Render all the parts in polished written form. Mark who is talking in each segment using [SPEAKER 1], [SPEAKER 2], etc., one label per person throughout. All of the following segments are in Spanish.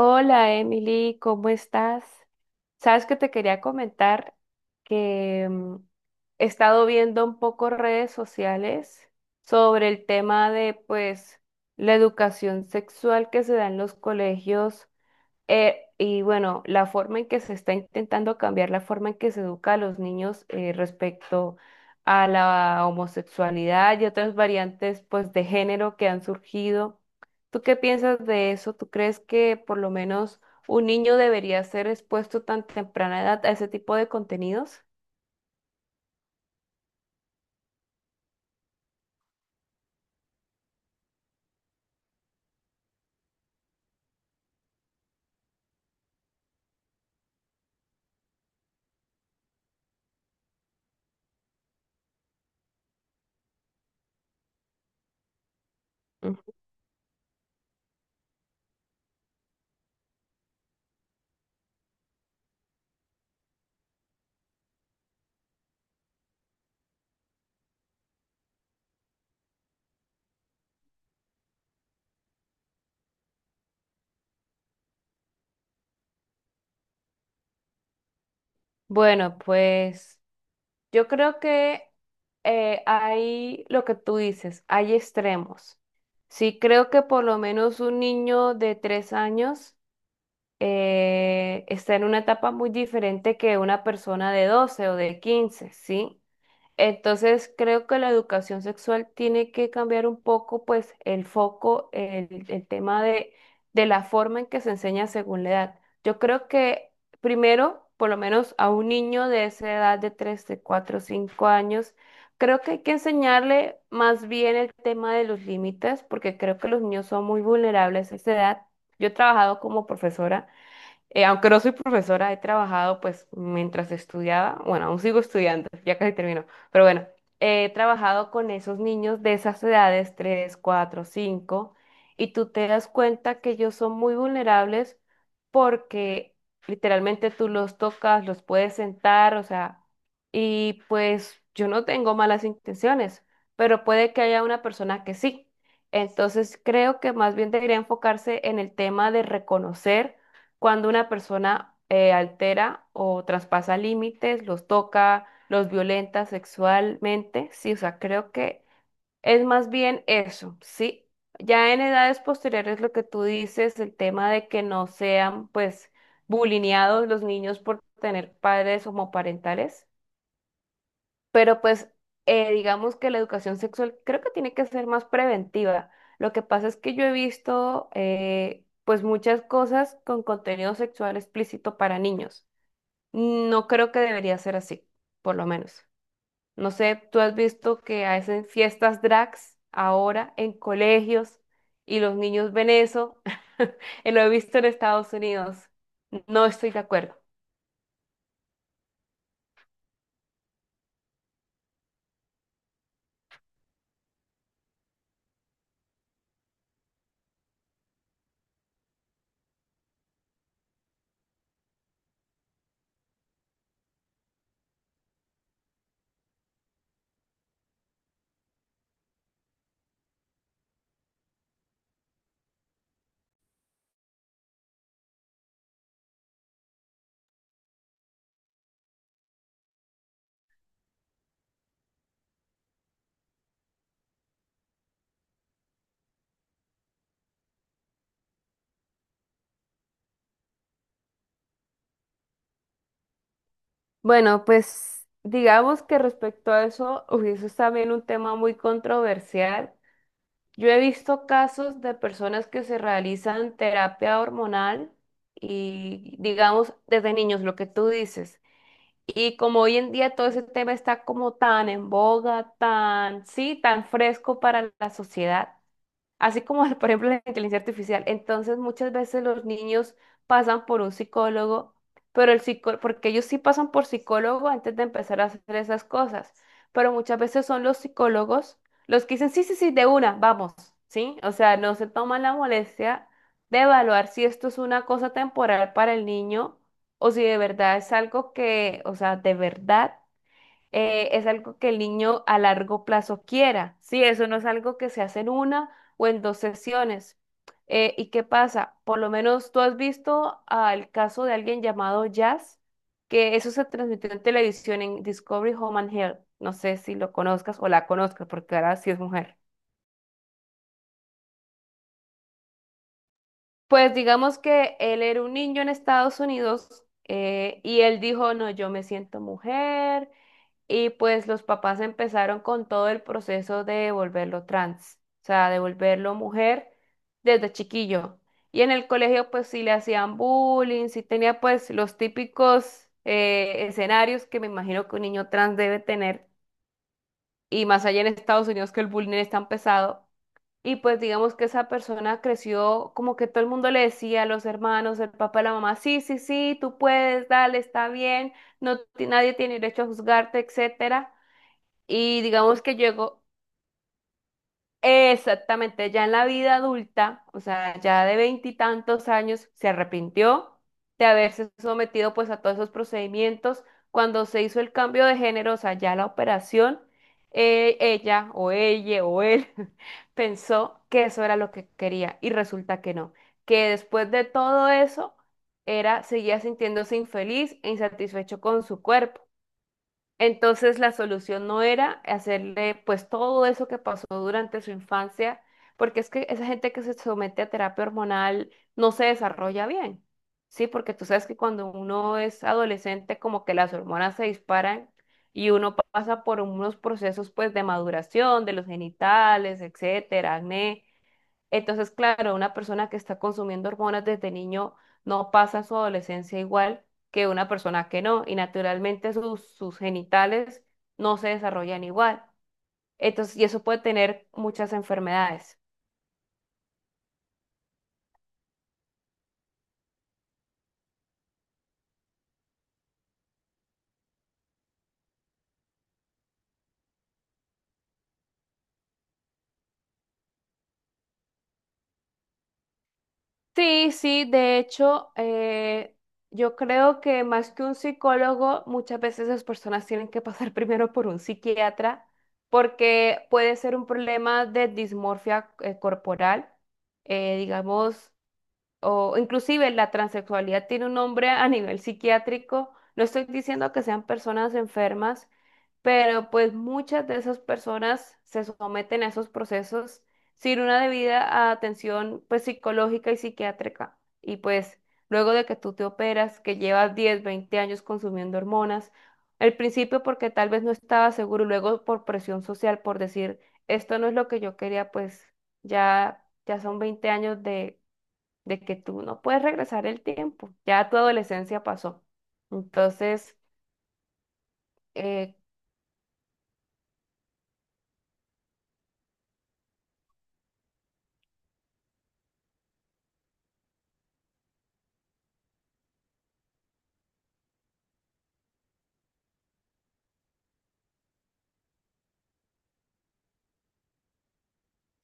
[SPEAKER 1] Hola Emily, ¿cómo estás? Sabes que te quería comentar que he estado viendo un poco redes sociales sobre el tema de pues la educación sexual que se da en los colegios, y bueno, la forma en que se está intentando cambiar la forma en que se educa a los niños, respecto a la homosexualidad y otras variantes pues de género que han surgido. ¿Tú qué piensas de eso? ¿Tú crees que por lo menos un niño debería ser expuesto tan temprana edad a ese tipo de contenidos? Ujú. Bueno, pues yo creo que, hay lo que tú dices, hay extremos. Sí, creo que por lo menos un niño de 3 años está en una etapa muy diferente que una persona de 12 o de 15, ¿sí? Entonces, creo que la educación sexual tiene que cambiar un poco, pues, el foco, el tema de la forma en que se enseña según la edad. Yo creo que primero, por lo menos a un niño de esa edad de 3, de 4, 5 años, creo que hay que enseñarle más bien el tema de los límites, porque creo que los niños son muy vulnerables a esa edad. Yo he trabajado como profesora, aunque no soy profesora, he trabajado pues mientras estudiaba, bueno, aún sigo estudiando, ya casi termino, pero bueno, he trabajado con esos niños de esas edades, 3, 4, 5, y tú te das cuenta que ellos son muy vulnerables porque literalmente tú los tocas, los puedes sentar, o sea, y pues yo no tengo malas intenciones, pero puede que haya una persona que sí. Entonces creo que más bien debería enfocarse en el tema de reconocer cuando una persona, altera o traspasa límites, los toca, los violenta sexualmente, sí, o sea, creo que es más bien eso, sí. Ya en edades posteriores lo que tú dices, el tema de que no sean pues bulineados los niños por tener padres homoparentales, pero pues, digamos que la educación sexual creo que tiene que ser más preventiva. Lo que pasa es que yo he visto, pues muchas cosas con contenido sexual explícito para niños. No creo que debería ser así, por lo menos. No sé, tú has visto que hacen fiestas drags ahora en colegios y los niños ven eso. Lo he visto en Estados Unidos. No estoy de acuerdo. Bueno, pues digamos que respecto a eso, uy, eso es también un tema muy controversial. Yo he visto casos de personas que se realizan terapia hormonal y digamos desde niños, lo que tú dices. Y como hoy en día todo ese tema está como tan en boga, tan, sí, tan fresco para la sociedad, así como por ejemplo la inteligencia artificial. Entonces muchas veces los niños pasan por un psicólogo, pero el psicólogo, porque ellos sí pasan por psicólogo antes de empezar a hacer esas cosas, pero muchas veces son los psicólogos los que dicen, sí, sí, sí, de una, vamos, ¿sí? O sea, no se toman la molestia de evaluar si esto es una cosa temporal para el niño o si de verdad es algo que, o sea, de verdad, es algo que el niño a largo plazo quiera, ¿sí? Eso no es algo que se hace en una o en dos sesiones. ¿Y qué pasa? Por lo menos tú has visto al caso de alguien llamado Jazz, que eso se transmitió en televisión en Discovery Home and Health. No sé si lo conozcas o la conozcas, porque ahora sí es mujer. Pues digamos que él era un niño en Estados Unidos, y él dijo, no, yo me siento mujer, y pues los papás empezaron con todo el proceso de volverlo trans, o sea, de volverlo mujer desde chiquillo. Y en el colegio pues sí le hacían bullying, sí tenía pues los típicos, escenarios que me imagino que un niño trans debe tener, y más allá en Estados Unidos que el bullying es tan pesado. Y pues digamos que esa persona creció como que todo el mundo le decía a los hermanos, el papá, la mamá, sí, sí, sí, tú puedes, dale, está bien, no, nadie tiene derecho a juzgarte, etcétera. Y digamos que llego exactamente ya en la vida adulta, o sea, ya de veintitantos años, se arrepintió de haberse sometido pues a todos esos procedimientos. Cuando se hizo el cambio de género, o sea, ya la operación, ella o ella o él pensó que eso era lo que quería y resulta que no, que después de todo eso seguía sintiéndose infeliz e insatisfecho con su cuerpo. Entonces la solución no era hacerle pues todo eso que pasó durante su infancia, porque es que esa gente que se somete a terapia hormonal no se desarrolla bien, ¿sí? Porque tú sabes que cuando uno es adolescente como que las hormonas se disparan y uno pasa por unos procesos pues de maduración de los genitales, etcétera, acné. Entonces, claro, una persona que está consumiendo hormonas desde niño no pasa su adolescencia igual que una persona que no, y naturalmente sus genitales no se desarrollan igual. Entonces, y eso puede tener muchas enfermedades. Sí, sí, de hecho, yo creo que más que un psicólogo, muchas veces las personas tienen que pasar primero por un psiquiatra porque puede ser un problema de dismorfia, corporal, digamos, o inclusive la transexualidad tiene un nombre a nivel psiquiátrico. No estoy diciendo que sean personas enfermas, pero pues muchas de esas personas se someten a esos procesos sin una debida atención pues psicológica y psiquiátrica. Y pues luego de que tú te operas, que llevas 10 20 años consumiendo hormonas, al principio porque tal vez no estaba seguro, y luego por presión social, por decir, esto no es lo que yo quería, pues ya son 20 años de que tú no puedes regresar el tiempo, ya tu adolescencia pasó. Entonces, eh,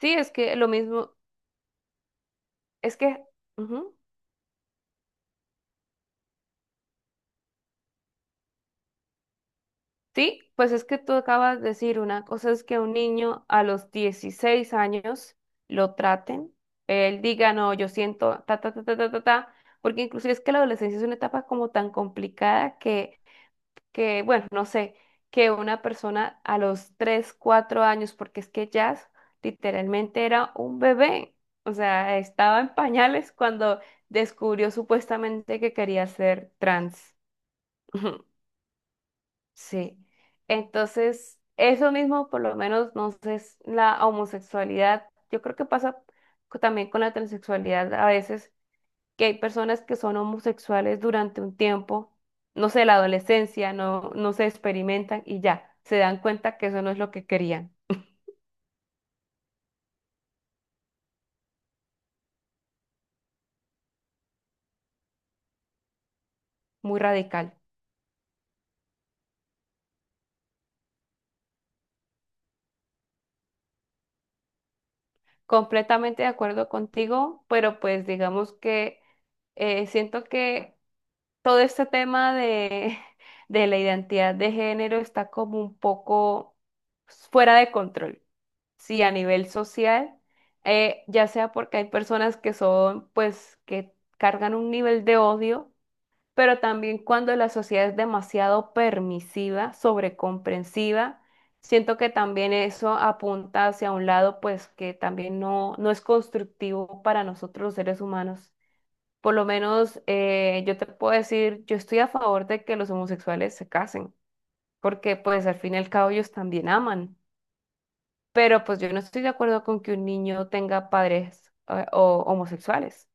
[SPEAKER 1] sí, es que lo mismo, es que, ujú, sí, pues es que tú acabas de decir, una cosa es que un niño a los 16 años lo traten, él diga, no, yo siento, ta, ta, ta, ta, ta, ta, ta, porque inclusive es que la adolescencia es una etapa como tan complicada que, bueno, no sé, que una persona a los 3 4 años, porque es que Jazz literalmente era un bebé, o sea, estaba en pañales cuando descubrió supuestamente que quería ser trans. Ujú. Sí. Entonces, eso mismo, por lo menos, no sé, es la homosexualidad, yo creo que pasa también con la transexualidad a veces, que hay personas que son homosexuales durante un tiempo, no sé, la adolescencia, no, no se experimentan y ya, se dan cuenta que eso no es lo que querían. Muy radical. Completamente de acuerdo contigo, pero pues digamos que, siento que todo este tema de, de la identidad de género está como un poco fuera de control. Sí, a nivel social, ya sea porque hay personas que son, pues, que cargan un nivel de odio, pero también cuando la sociedad es demasiado permisiva, sobrecomprensiva, siento que también eso apunta hacia un lado, pues que también no es constructivo para nosotros los seres humanos. Por lo menos, yo te puedo decir, yo estoy a favor de que los homosexuales se casen, porque pues al fin y al cabo ellos también aman, pero pues yo no estoy de acuerdo con que un niño tenga padres, o homosexuales.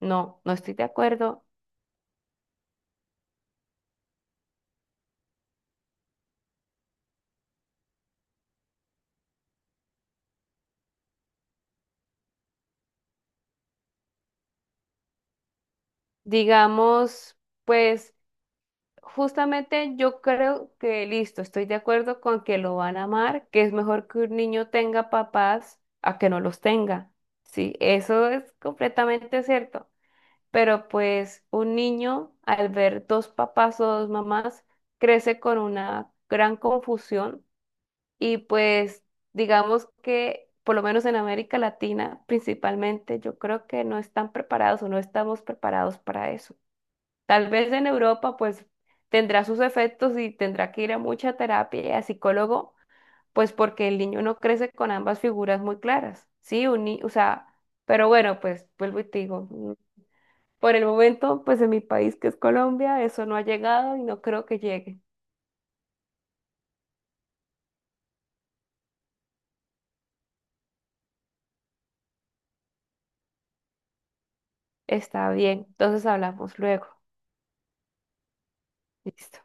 [SPEAKER 1] No, no estoy de acuerdo. Digamos, pues justamente yo creo que listo, estoy de acuerdo con que lo van a amar, que es mejor que un niño tenga papás a que no los tenga. Sí, eso es completamente cierto. Pero pues un niño al ver dos papás o dos mamás crece con una gran confusión y pues digamos que por lo menos en América Latina principalmente yo creo que no están preparados o no estamos preparados para eso. Tal vez en Europa, pues tendrá sus efectos y tendrá que ir a mucha terapia y a psicólogo, pues porque el niño no crece con ambas figuras muy claras, ¿sí? Un ni- O sea, pero bueno, pues vuelvo y te digo, por el momento, pues en mi país que es Colombia, eso no ha llegado y no creo que llegue. Está bien, entonces hablamos luego. Listo.